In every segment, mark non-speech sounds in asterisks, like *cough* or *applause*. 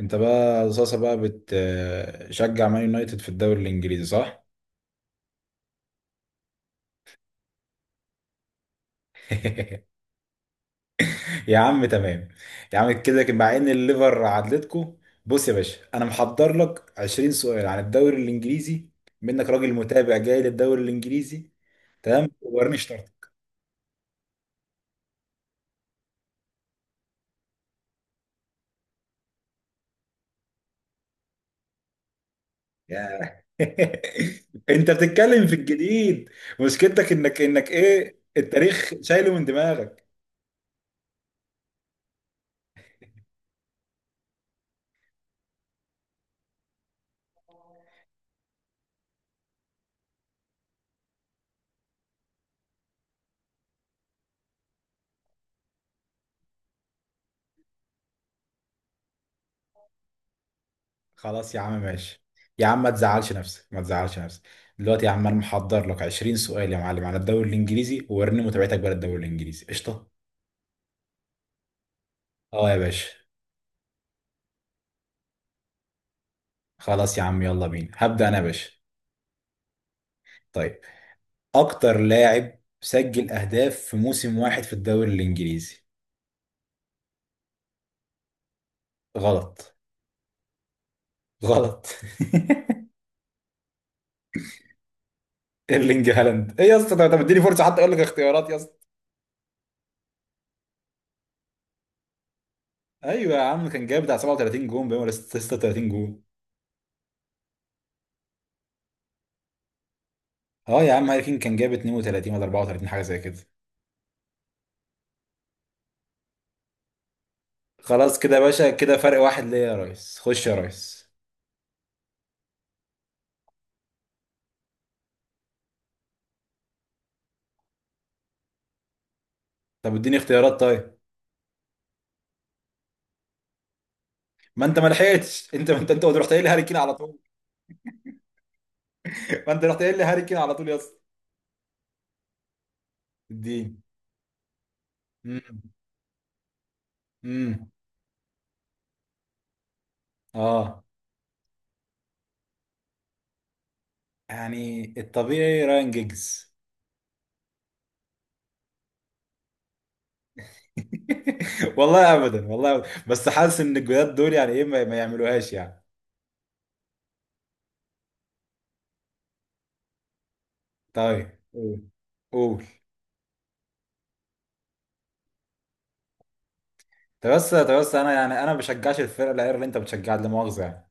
انت بقى صاصة بقى بتشجع مان يونايتد في الدوري الانجليزي صح؟ *laughs* يا عم، تمام. يا عم، كده كده مع ان الليفر عدلتكو. بص يا باشا، انا محضر لك 20 سؤال عن الدوري الانجليزي، منك راجل متابع جاي للدوري الانجليزي. تمام، ورني شطارتك. يا. *laughs* انت بتتكلم في الجديد. مشكلتك انك ايه، التاريخ شايله من دماغك. خلاص يا عم، ماشي. يا عم، ما تزعلش نفسك، ما تزعلش نفسك. دلوقتي يا عم، انا محضر لك 20 سؤال يا معلم على الدوري الانجليزي، ووريني متابعتك بقى للدوري الانجليزي، قشطه. اه يا باشا. خلاص يا عم، يلا بينا، هبدأ انا يا باشا. طيب. اكتر لاعب سجل اهداف في موسم واحد في الدوري الانجليزي؟ غلط. غلط. *laughs* ايرلينج هالاند، ايه يا اسطى، طب اديني فرصه حتى اقول لك اختيارات يا اسطى. ايوه يا عم، كان جايب بتاع 37 جون باين، ولا 36 جون؟ اه يا عم، هاري كين كان جايب 32 ولا 34، حاجه زي كده. خلاص كده يا باشا، كده فرق واحد ليا يا ريس، خش يا ريس. طب اديني اختيارات طيب. ما انت ما لحقتش. *laughs* انت ما انت انت رحت قايل لي هاري كين على طول. *laughs* ما انت رحت قايل لي هاري كين على طول يا اسطى. اديني. امم. امم. اه. يعني الطبيعي راين جيجز. *laughs* والله ابدا، والله أبداً. بس حاسس ان الجداد دول يعني ايه، ما يعملوهاش يعني. طيب، قول. قول. طب بس انا ما بشجعش الفرقه الاير اللي انت بتشجعها، لا مؤاخذه يعني.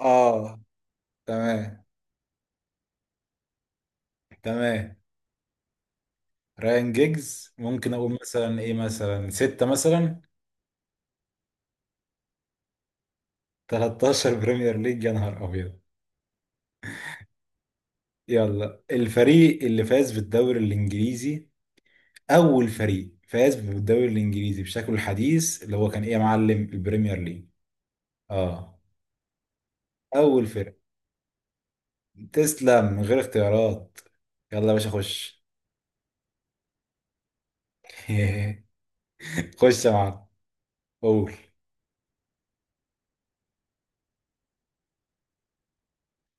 اه. تمام. تمام. رايان جيجز، ممكن اقول مثلا ايه، مثلا ستة مثلا. 13 بريمير ليج، يا نهار ابيض. يلا، الفريق اللي فاز بالدوري الانجليزي. اول فريق فاز بالدوري الانجليزي بشكله الحديث، اللي هو كان ايه يا معلم، البريمير ليج؟ اه. اول فرق. تسلم من غير اختيارات. يلا يا باشا، خش. *laughs* خش يا معلم. قول.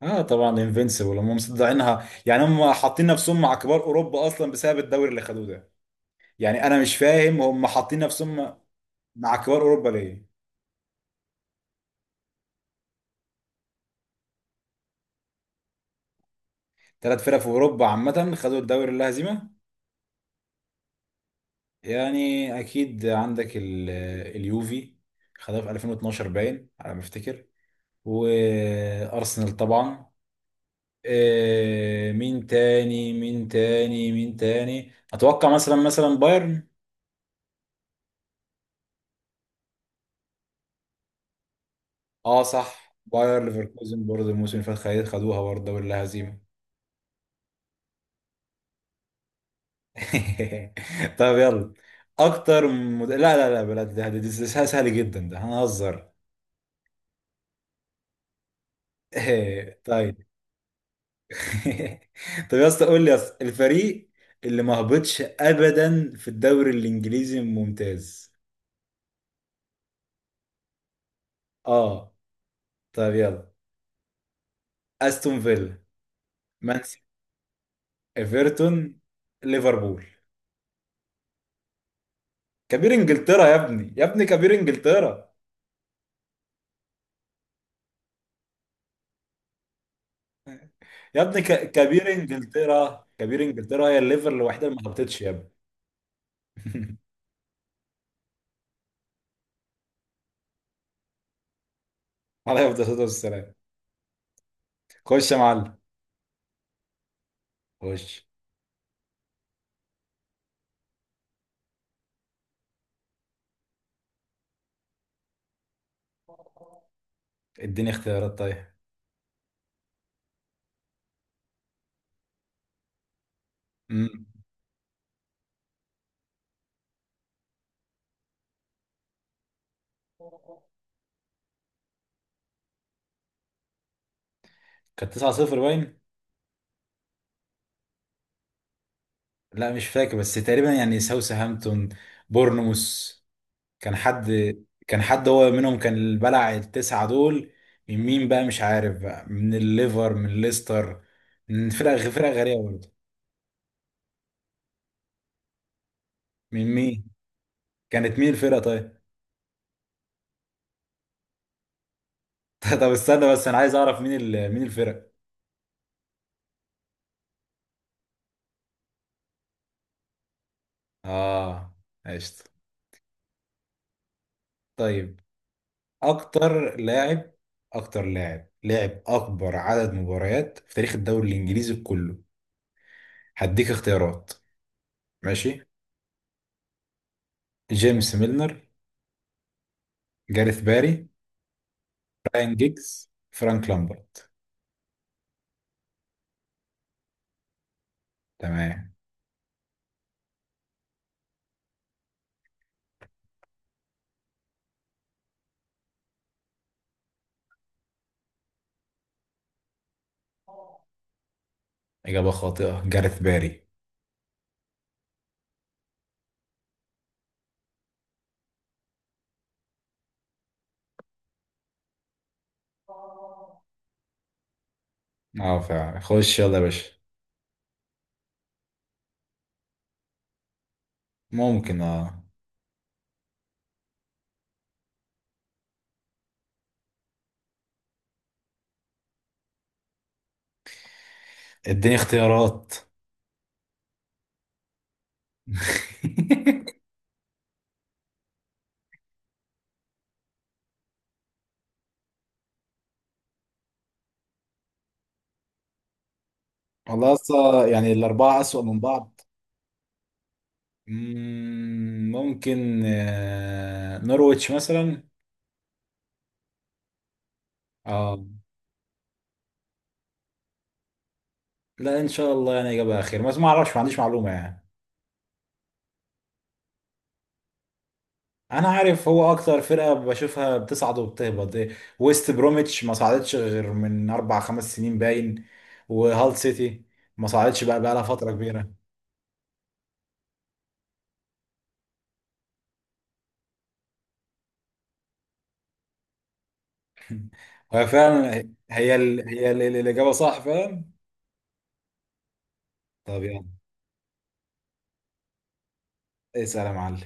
اه طبعا، انفينسيبل هم مصدعينها، يعني هم حاطين نفسهم مع كبار اوروبا اصلا بسبب الدوري اللي خدوه ده. يعني انا مش فاهم، هم حاطين نفسهم مع كبار اوروبا ليه؟ ثلاث فرق في اوروبا عامه خدوا الدوري اللا هزيمه. يعني اكيد عندك اليوفي، خدها في 2012 باين على ما افتكر. وارسنال طبعا. مين تاني، اتوقع مثلا مثلا بايرن. اه صح، باير ليفركوزن برضه الموسم اللي فات خدوها برضه الدوري اللا هزيمه. *laughs* طب يلا. لا لا لا بلا، ده سهل سهل جدا، ده هنهزر. *laughs* طيب. *laughs* طب يا اسطى قول لي يا اسطى، الفريق اللي ما هبطش ابدا في الدوري الانجليزي الممتاز؟ اه. طب يلا. استون فيلا. مان سيتي. ايفرتون. ليفربول. كبير انجلترا، يا ابني يا ابني كبير انجلترا. يا ابني، كبير انجلترا، كبير انجلترا هي الليفر الوحيده اللي ما هبطتش يا ابني. *laughs* عليها الصلاة والسلام. خش يا معلم. خش. اديني اختيارات طيب. امم. كانت 9-0 باين. لا مش فاكر، بس تقريبا يعني ساوثهامبتون. بورنموث. كان حد. كان حد هو منهم، كان اللي بلع التسعة دول. من مين بقى، مش عارف بقى، من الليفر، من ليستر. من فرق غريبة برضه. من مين؟ كانت مين الفرقة طيب؟ *laughs* طب استنى بس، انا عايز اعرف مين الفرق. اه. قشطة. طيب. اكتر لاعب. اكتر لاعب لاعب اكبر عدد مباريات في تاريخ الدوري الانجليزي كله. هديك اختيارات. ماشي. جيمس ميلنر. جاريث باري. راين جيكس، فرانك لامبرد. تمام. اجابه خاطئه، جاريث باري. اه فعلا، خش يلا يا باشا. ممكن اه. اديني اختيارات. *laughs* والله اصلا يعني الاربعه اسوأ من بعض. ممكن نورويتش مثلا. اه. لا ان شاء الله، يعني اجابه خير، بس ما اعرفش، ما عنديش معلومه يعني. انا عارف هو اكتر فرقه بشوفها بتصعد وبتهبط. ويست بروميتش ما صعدتش غير من اربع خمس سنين باين. وهال سيتي. ما صعدتش بقى لها فتره كبيره. *laughs* هو فعلا. الاجابه صح فعلا. طب يلا. اسال يا معلم.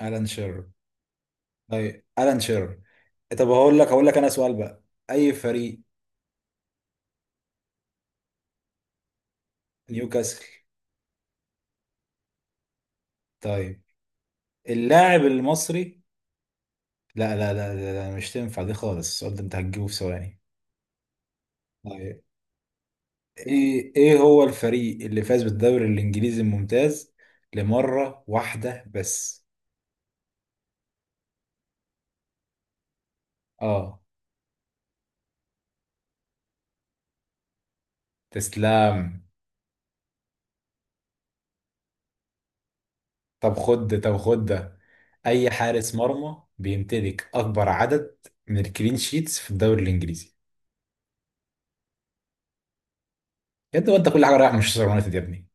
الان شيرر. طيب. الان شيرر. طب هقول لك انا سؤال بقى. اي فريق؟ نيوكاسل. طيب. اللاعب المصري. لا لا لا لا لا، مش تنفع دي خالص، السؤال ده انت هتجيبه في ثواني. طيب. ايه هو الفريق اللي فاز بالدوري الانجليزي الممتاز لمرة واحدة بس؟ اه. تسلام. طب خد ده. اي حارس مرمى بيمتلك اكبر عدد من الكلين شيتس في الدوري الانجليزي؟ يا ابني وانت كل حاجه رايح مانشستر يونايتد، يا ابني.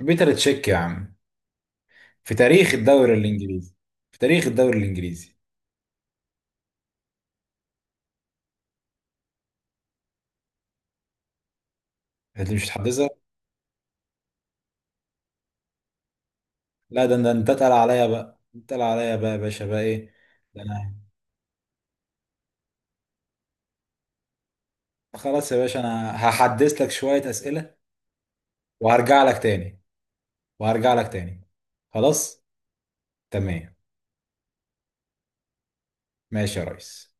بيتر تشيك يا عم. في تاريخ الدوري الانجليزي. في تاريخ الدوري الانجليزي. انت مش هتحدثها. لا، ده انت تقل عليا بقى، انت تقل عليا بقى يا باشا، بقى ايه. ده انا. خلاص يا باشا، انا هحدث لك شوية أسئلة. وهرجع لك تاني. وهرجع لك تاني. خلاص. تمام. ماشي يا ريس.